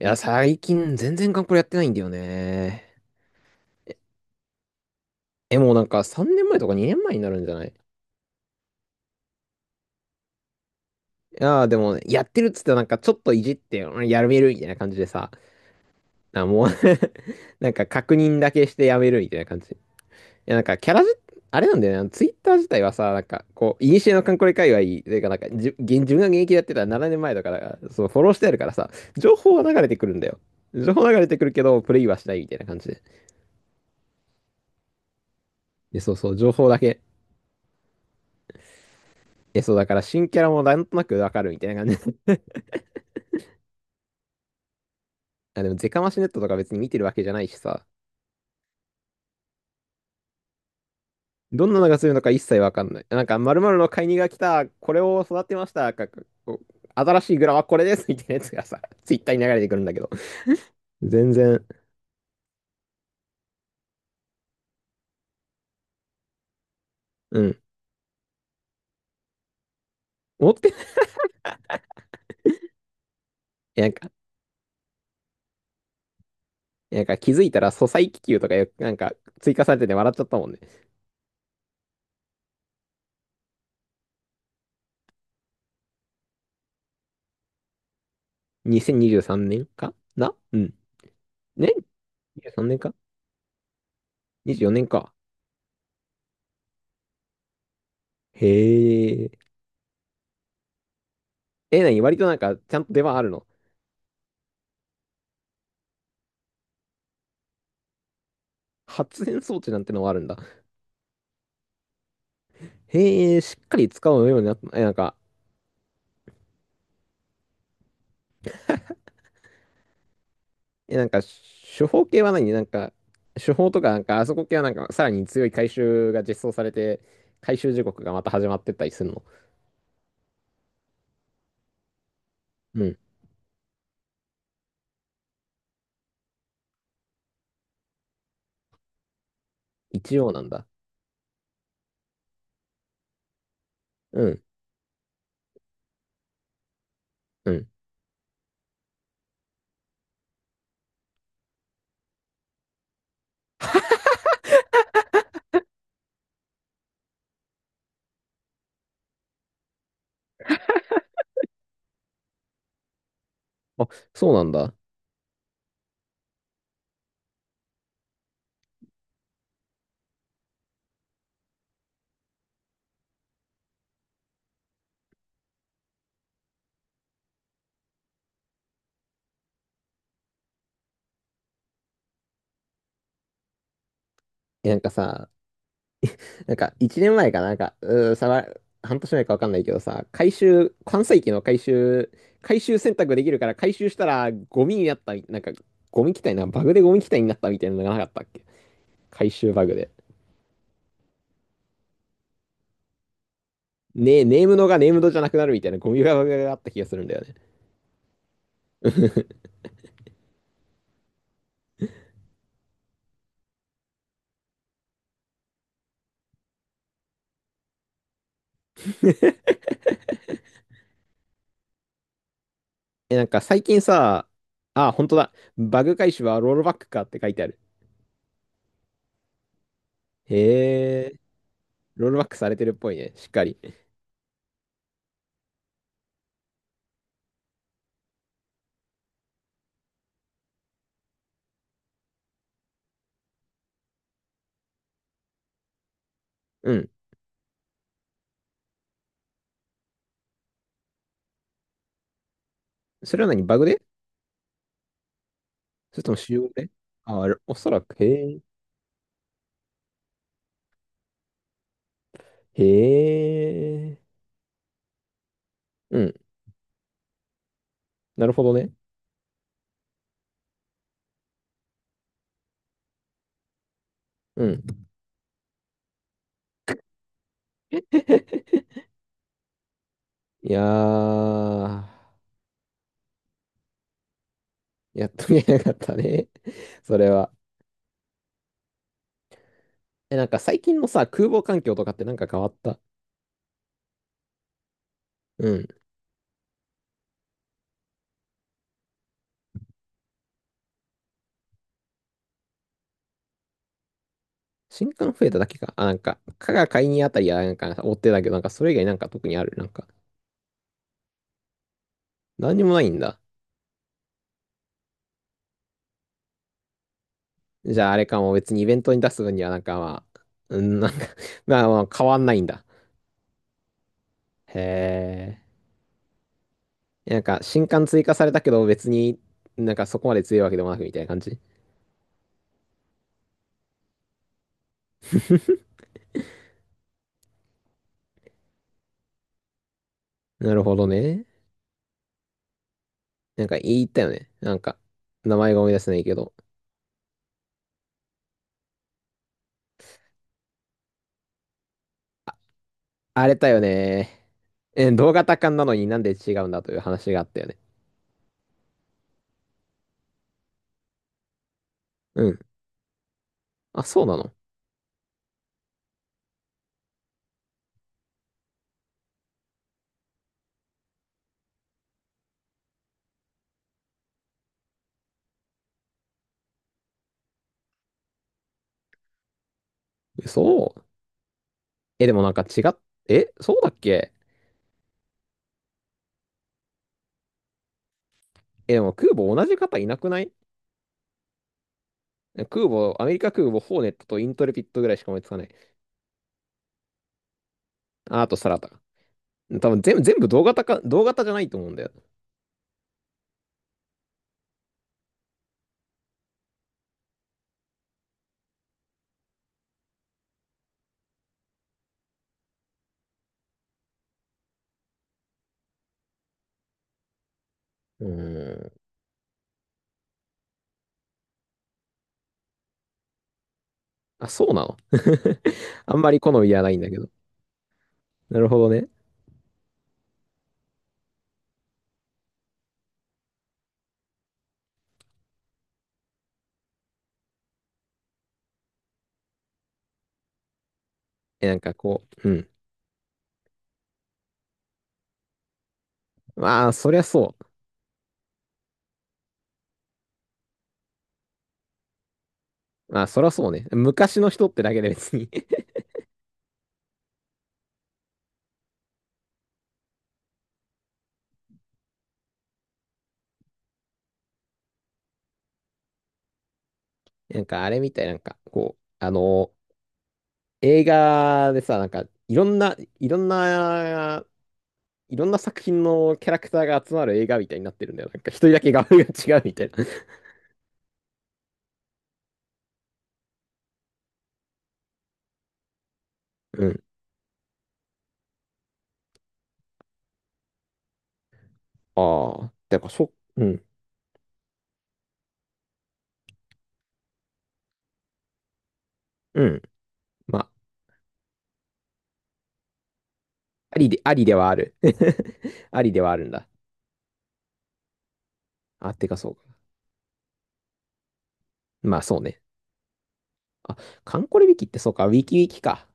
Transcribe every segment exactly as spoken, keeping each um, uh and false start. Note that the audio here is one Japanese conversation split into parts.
いや、最近全然ガンプラやってないんだよね。え、もうなんかさんねんまえとかにねんまえになるんじゃない？いやー、でも、やってるっつってなんかちょっといじって、うん、やめるみたいな感じでさ、あ、もう なんか確認だけしてやめるみたいな感じ。いや、なんかキャラじ、あれなんだよね、ツイッター自体はさ、なんかこう、いにしえのカンコレ界隈、というかなんかじゅ、現自分が現役でやってたらななねんまえだから、そう、フォローしてあるからさ、情報は流れてくるんだよ。情報流れてくるけど、プレイはしないみたいな感じで。で、そうそう、情報だけ。え、そう、だから新キャラもなんとなくわかるみたいな感じ。あ、でも、ゼカマシネットとか別に見てるわけじゃないしさ。どんなのがするのか一切わかんない。なんか、〇〇の買いにが来た、これを育てました、か、かこう新しいグラはこれです、みたいなやつがさ、ツイッターに流れてくるんだけど。全然、うん。持ってない。なんか、なんか気づいたら、素材気球とかよ、なんか、追加されてて笑っちゃったもんね。にせんにじゅうさんねんかな、うん。ね ?にじゅうさん 年か ?にじゅうよん 年か。へえ。え、なに、割となんか、ちゃんと出番あるの？発電装置なんてのもあるんだ。へえ、しっかり使うようになった。え、なんか、え、なんか、処方系は何なんか、処方とか、なんか、あそこ系はなんか、さらに強い回収が実装されて、回収時刻がまた始まってったりするの？うん。一応なんだ。うん。うん。あ、そうなんだ。え、なんかさ、なんか、いちねんまえかな、なんか、うー、さわ、半年前かわかんないけどさ、回収、関西機の回収、回収選択できるから、回収したら、ゴミになったみ、なんか、ゴミ機体な、バグでゴミ機体になったみたいなのがなかったっけ？回収バグで。ね、ネームドがネームドじゃなくなるみたいなゴミがあった気がするんだよね。え、なんか最近さ、あ、本当だ。バグ回収はロールバックかって書いてある。へえ、ロールバックされてるっぽいね。しっかり。うん。それは何バグで？それとも仕様で？あ、おそらく。へえ、へえ。うん。なるほどね。うん。いやー、やっと見えなかったね。それは。え、なんか最近のさ、空母環境とかってなんか変わった？うん。新刊増えただけか。あ、なんか、加賀買いにあたりはなんか追ってたけど、なんかそれ以外なんか特にある？なんか、何にもないんだ。じゃああれかも別にイベントに出す分にはなんかまあ、うん、なんか まあまあ変わんないんだ。へえ。なんか新刊追加されたけど別になんかそこまで強いわけでもなくみたいな感じ。なるほどね。なんか言ったよね。なんか、名前が思い出せないけど。あれだよね。え、動画多感なのになんで違うんだという話があったよね。うん。あ、そうなの。嘘。え、でもなんか違っ、え、そうだっけ？え、でも空母同じ方いなくない？空母、アメリカ空母、ホーネットとイントレピットぐらいしか思いつかない。あ、あとサラタ。多分全部、全部同型か、同型じゃないと思うんだよ。うーん。あ、そうなの あんまり好みはないんだけど。なるほどね。え、なんかこう、うん。まあ、そりゃそう。まあ、そりゃそうね。昔の人ってだけで別に なんかあれみたい、なんかこう、あの映画でさ、なんか、いろんな、いろんないろんな作品のキャラクターが集まる映画みたいになってるんだよ。なんかひとりだけ画風が違うみたいな。うん。ああ、だからそ、うん、うん。まあ、ありで、ありではある。ありではあるんだ。あ、てかそうか。まあそうね。あ、カンコレウィキってそうか、ウィキウィキか。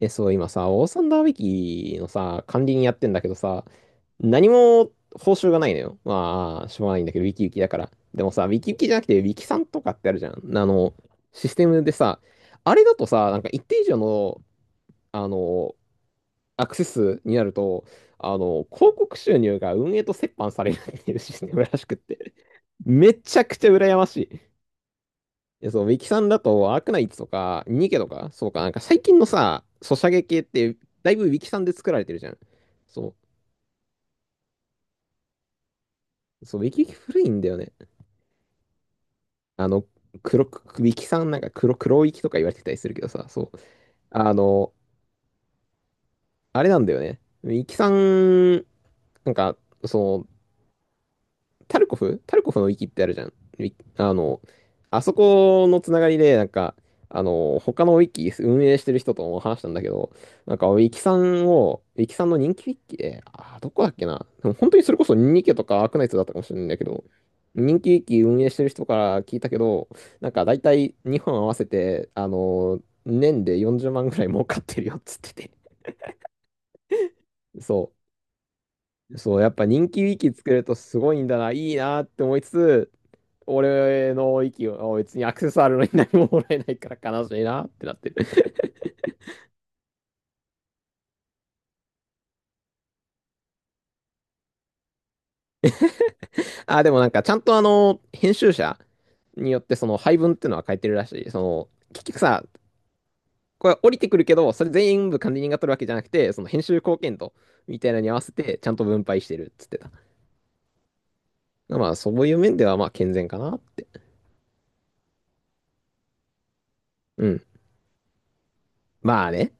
え、そう、今さ、オーサンダーウィキのさ、管理人やってんだけどさ、何も報酬がないのよ。まあ、しょうがないんだけど、ウィキウィキだから。でもさ、ウィキウィキじゃなくて、ウィキさんとかってあるじゃん。あの、システムでさ、あれだとさ、なんか一定以上の、あの、アクセスになると、あの、広告収入が運営と折半されるっていうシステムらしくって、めちゃくちゃ羨ましい。いや、そう、ウィキさんだと、アークナイツとか、ニケとか、そうか、なんか最近のさ、ソシャゲ系って、だいぶウィキさんで作られてるじゃん。そう、そう、ウィキ古いんだよね。あの、黒く、ウィキさんなんか黒、黒ウィキとか言われてたりするけどさ、そう、あの、あれなんだよね。ウィキさん、なんか、その、タルコフタルコフのウィキってあるじゃん。あの、あそこのつながりで、なんか、あの、他のウィキ運営してる人とも話したんだけど、なんか、ウィキさんを、ウィキさんの人気ウィキで、あどこだっけな。でも本当にそれこそニニケとかアークナイツだったかもしれないんだけど、人気ウィキ運営してる人から聞いたけど、なんか大体日本合わせて、あの、年でよんじゅうまんぐらい儲かってるよっつってて。そう。そう、やっぱ人気ウィキ作るとすごいんだな、いいなって思いつつ、俺の息を別にアクセスあるのに何ももらえないから悲しいなってなってる。あ、でもなんかちゃんとあの、編集者によってその配分っていうのは変えてるらしい。その、結局さ、これ降りてくるけど、それ全部管理人が取るわけじゃなくて、その編集貢献度みたいなのに合わせてちゃんと分配してるっつってた。まあそういう面ではまあ健全かなって。うん。まあね。